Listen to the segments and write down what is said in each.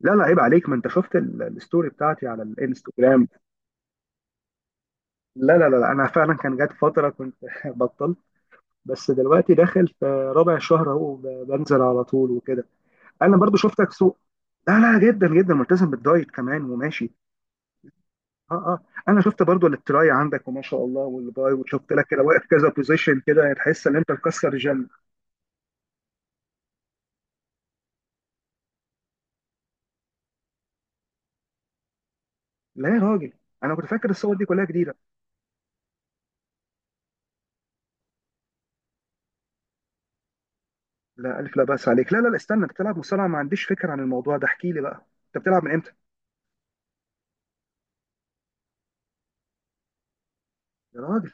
لا لا، عيب عليك. ما انت شفت الستوري بتاعتي على الانستجرام. لا لا لا، انا فعلا كان جات فتره كنت بطلت. بس دلوقتي داخل في رابع شهر اهو بنزل على طول وكده. انا برضو شفتك سوق. لا لا، جدا جدا ملتزم بالدايت كمان وماشي. اه اه. انا شفت برضو التراي عندك وما شاء الله والباي، وشفت لك كده واقف كذا بوزيشن، كده تحس ان انت مكسر جيم. لا يا راجل، انا كنت فاكر الصور دي كلها جديده. لا، الف لا باس عليك. لا لا لا، استنى، انت بتلعب مصارعه؟ ما عنديش فكره عن الموضوع ده. احكي لي بقى، انت بتلعب من امتى؟ يا راجل.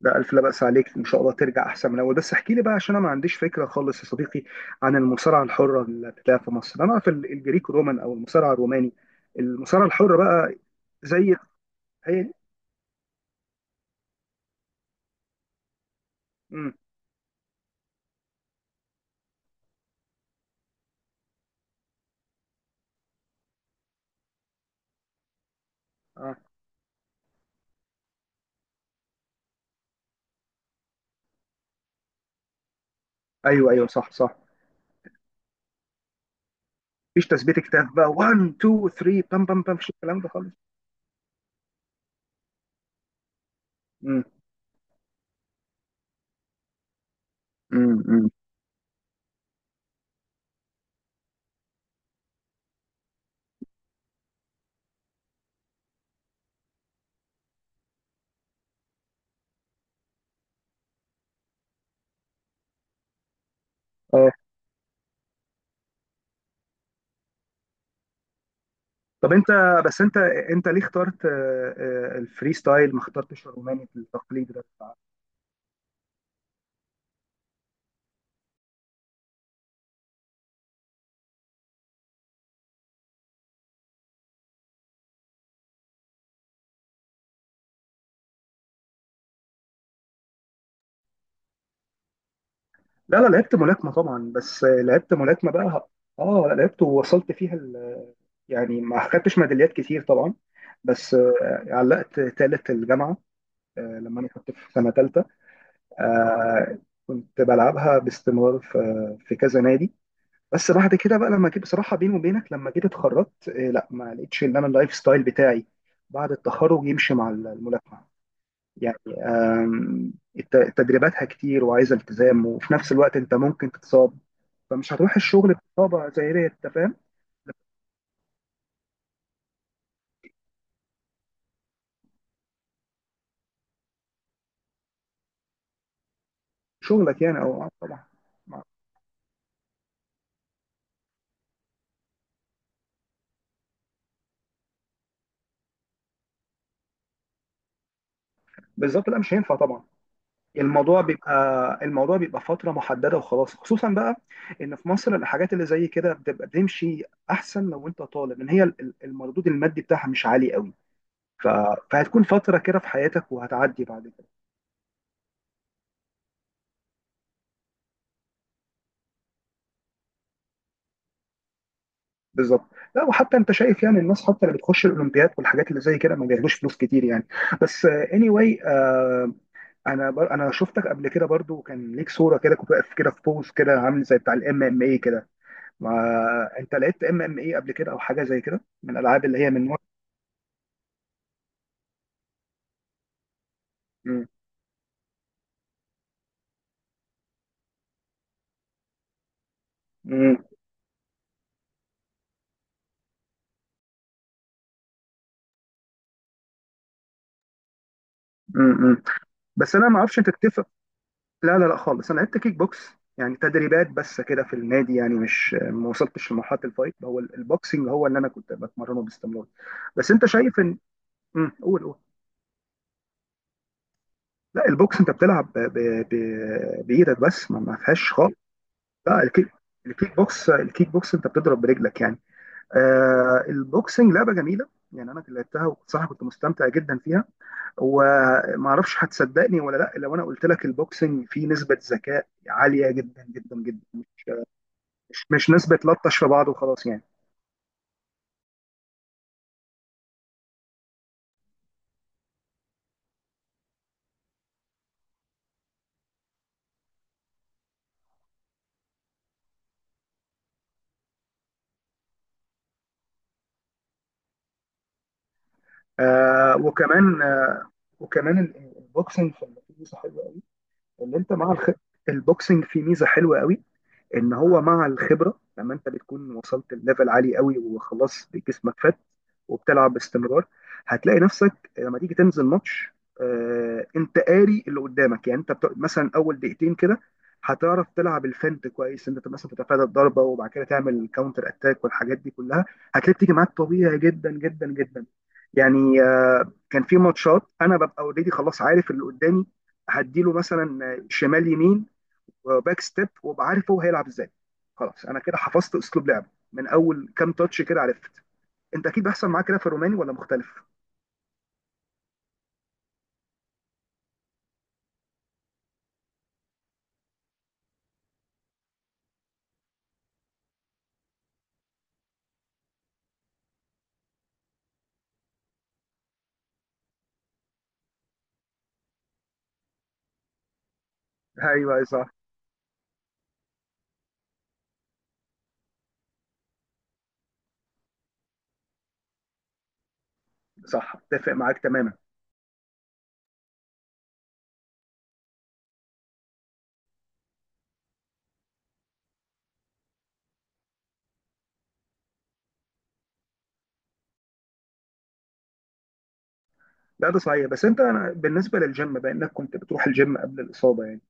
ده ألف لا بأس عليك، إن شاء الله ترجع أحسن من الأول. بس احكي لي بقى عشان أنا ما عنديش فكرة خالص يا صديقي، عن المصارعة الحرة اللي بتتلعب في مصر. أنا أعرف الجريك رومان أو المصارعة الروماني. المصارعة الحرة بقى زي هي؟ امم آه. أيوه أيوه، صح صح. مفيش تثبيت كتاف بقى 1 2 3 بام بام بام، مفيش الكلام ده خالص. امم أمم. اه. طب انت، بس انت انت ليه اخترت الفري ستايل، ما اخترتش الروماني في التقليد ده؟ لا لا، لعبت ملاكمة طبعا، بس لعبت ملاكمة بقى. اه لا، لعبت ووصلت فيها ال... يعني ما خدتش ميداليات كتير طبعا. بس علقت تالت الجامعة. لما انا كنت في سنة تالتة آه، كنت بلعبها باستمرار في كذا نادي. بس بعد كده بقى، لما جيت بصراحة بيني وبينك، لما جيت اتخرجت لا ما لقيتش ان انا اللايف ستايل بتاعي بعد التخرج يمشي مع الملاكمة. يعني آم، تدريباتها كتير وعايزة التزام، وفي نفس الوقت انت ممكن تتصاب، فمش هتروح الشغل بطابع زي ديت، انت فاهم؟ شغلك يعني، او طبعا. ما- بالظبط، لا مش هينفع طبعا. الموضوع بيبقى الموضوع بيبقى فتره محدده وخلاص. خصوصا بقى ان في مصر الحاجات اللي زي كده بتبقى بتمشي احسن لو انت طالب، لان هي المردود المادي بتاعها مش عالي قوي. ف... فهتكون فتره كده في حياتك وهتعدي بعد كده. بالظبط. لا، وحتى انت شايف يعني الناس حتى اللي بتخش الاولمبياد والحاجات اللي زي كده ما بياخدوش فلوس كتير يعني. بس اني anyway، واي، انا شفتك قبل كده برضو، كان ليك صوره كده كنت واقف كده في بوز كده عامل زي بتاع الام ام اي كده. ما انت لعبت ام ام اي قبل كده، او حاجه زي كده من الالعاب اللي هي من نوع؟ مم. مم. مم. بس انا ما اعرفش انت تتفق. لا لا لا خالص، انا لعبت كيك بوكس، يعني تدريبات بس كده في النادي يعني، مش ما وصلتش لمرحله الفايت. هو البوكسنج هو اللي انا كنت بتمرنه باستمرار. بس انت شايف ان. مم. قول قول. لا البوكس، انت بتلعب بايدك بس، ما فيهاش. لا الكيك، الكيك بوكس انت بتضرب برجلك يعني. آه البوكسنج لعبه جميله يعني، انا كنت لعبتها وصراحه كنت مستمتع جدا فيها. وما اعرفش هتصدقني ولا لا، لو انا قلت لك البوكسنج فيه نسبه ذكاء عاليه جدا جدا جدا، مش مش نسبه لطش في بعض وخلاص يعني. آه وكمان، البوكسنج فيه ميزه حلوه قوي. اللي انت مع الخ... البوكسنج فيه ميزه حلوه قوي، ان هو مع الخبره لما انت بتكون وصلت لليفل عالي قوي وخلاص، جسمك فات وبتلعب باستمرار، هتلاقي نفسك لما تيجي تنزل ماتش انت قاري اللي قدامك، يعني مثلا اول دقيقتين كده هتعرف تلعب الفنت كويس، انت مثلا تتفادى الضربه وبعد كده تعمل كاونتر اتاك والحاجات دي كلها، هتلاقي بتيجي معاك طبيعي جدا جدا جدا. يعني كان في ماتشات انا ببقى اوريدي خلاص عارف اللي قدامي، هديله مثلا شمال يمين وباك ستيب، وابقى عارف هو هيلعب ازاي. خلاص انا كده حفظت اسلوب لعبه من اول كام تاتش كده عرفت. انت اكيد بيحصل معاك كده في الروماني ولا مختلف؟ ايوه صح صح، اتفق معاك تماما. لا ده صحيح. بس أنا بالنسبه للجيم، بما انك كنت بتروح الجيم قبل الاصابه يعني،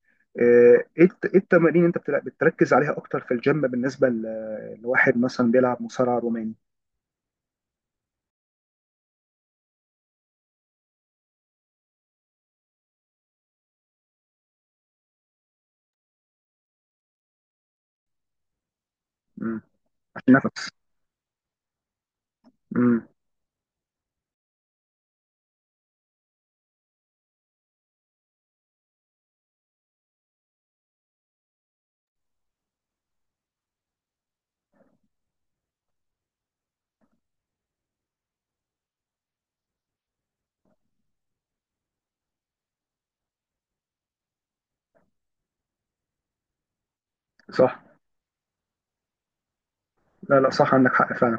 إيه التمارين انت بتركز عليها اكتر في الجيم بالنسبه لواحد مثلا بيلعب مصارعه روماني؟ مم. عشان نفس. مم. صح. لا لا، صح، عندك حق فعلا.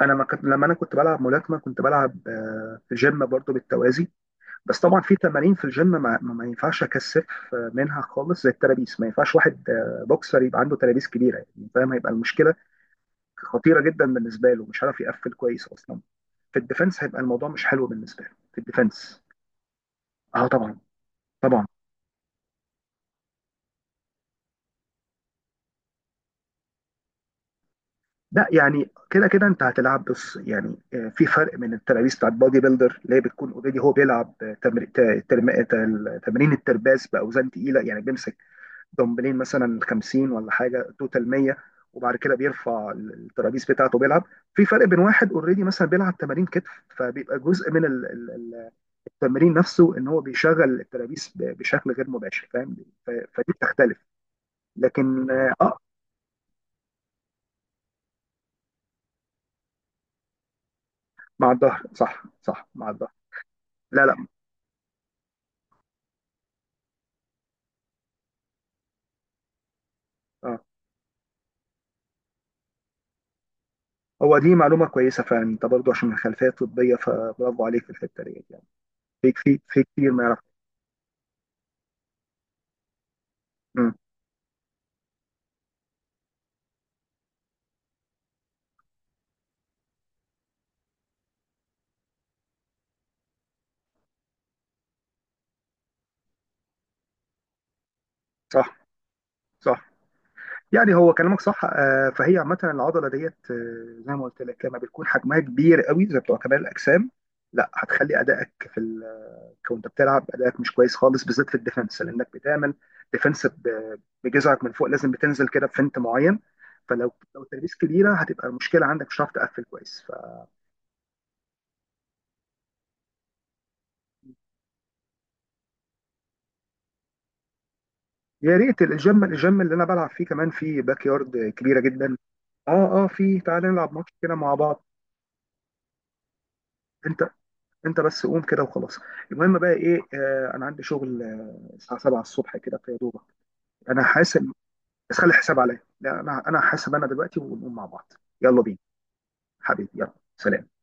انا ما كنت لما انا كنت بلعب ملاكمه كنت بلعب في جيم برضو بالتوازي. بس طبعا في تمارين في الجيم ما ينفعش اكثف منها خالص، زي الترابيس ما ينفعش واحد بوكسر يبقى عنده ترابيس كبيره يعني، فاهم؟ هيبقى المشكله خطيره جدا بالنسبه له، مش عارف يقفل كويس اصلا في الديفنس. هيبقى الموضوع مش حلو بالنسبه له في الديفنس. اه طبعا طبعا. لا يعني، كده كده انت هتلعب، بص يعني في فرق من الترابيس بتاعت بادي بيلدر اللي هي بتكون اوريدي هو بيلعب تمرين الترباس باوزان تقيله، يعني بيمسك دمبلين مثلا 50 ولا حاجه توتال 100، وبعد كده بيرفع الترابيز بتاعته بيلعب. في فرق بين واحد اوريدي مثلا بيلعب تمارين كتف، فبيبقى جزء من التمرين نفسه ان هو بيشغل الترابيز بشكل غير مباشر، فاهم؟ فدي بتختلف. لكن مع الظهر صح صح، مع الظهر. لا لا اه. هو دي معلومه كويسه فعلا، انت برضو عشان من خلفيه طبيه فبرافو عليك في الحته ديت يعني. في كتير، في كتير ما يعرف. مم، صح صح. يعني هو كلامك صح. فهي عامة العضلة ديت زي ما قلت لك، لما بتكون حجمها كبير قوي زي بتوع كمال الأجسام، لا هتخلي أدائك في... ال... وأنت بتلعب أدائك مش كويس خالص، بالذات في الديفنس، لأنك بتعمل ديفنس بجزعك من فوق، لازم بتنزل كده بفنت معين. فلو الترابيز كبيرة هتبقى المشكلة عندك، مش هتعرف تقفل كويس. فيا ريت، الجيم اللي أنا بلعب فيه كمان فيه باك يارد كبيرة جدا. اه اه، فيه، تعالى نلعب ماتش كده مع بعض. انت انت بس قوم كده وخلاص. المهم بقى ايه، انا عندي شغل الساعه 7 الصبح كده في دوبك. انا حاسب. بس خلي الحساب عليا، لا انا حاسب انا دلوقتي، ونقوم مع بعض. يلا بينا حبيبي، يلا سلام.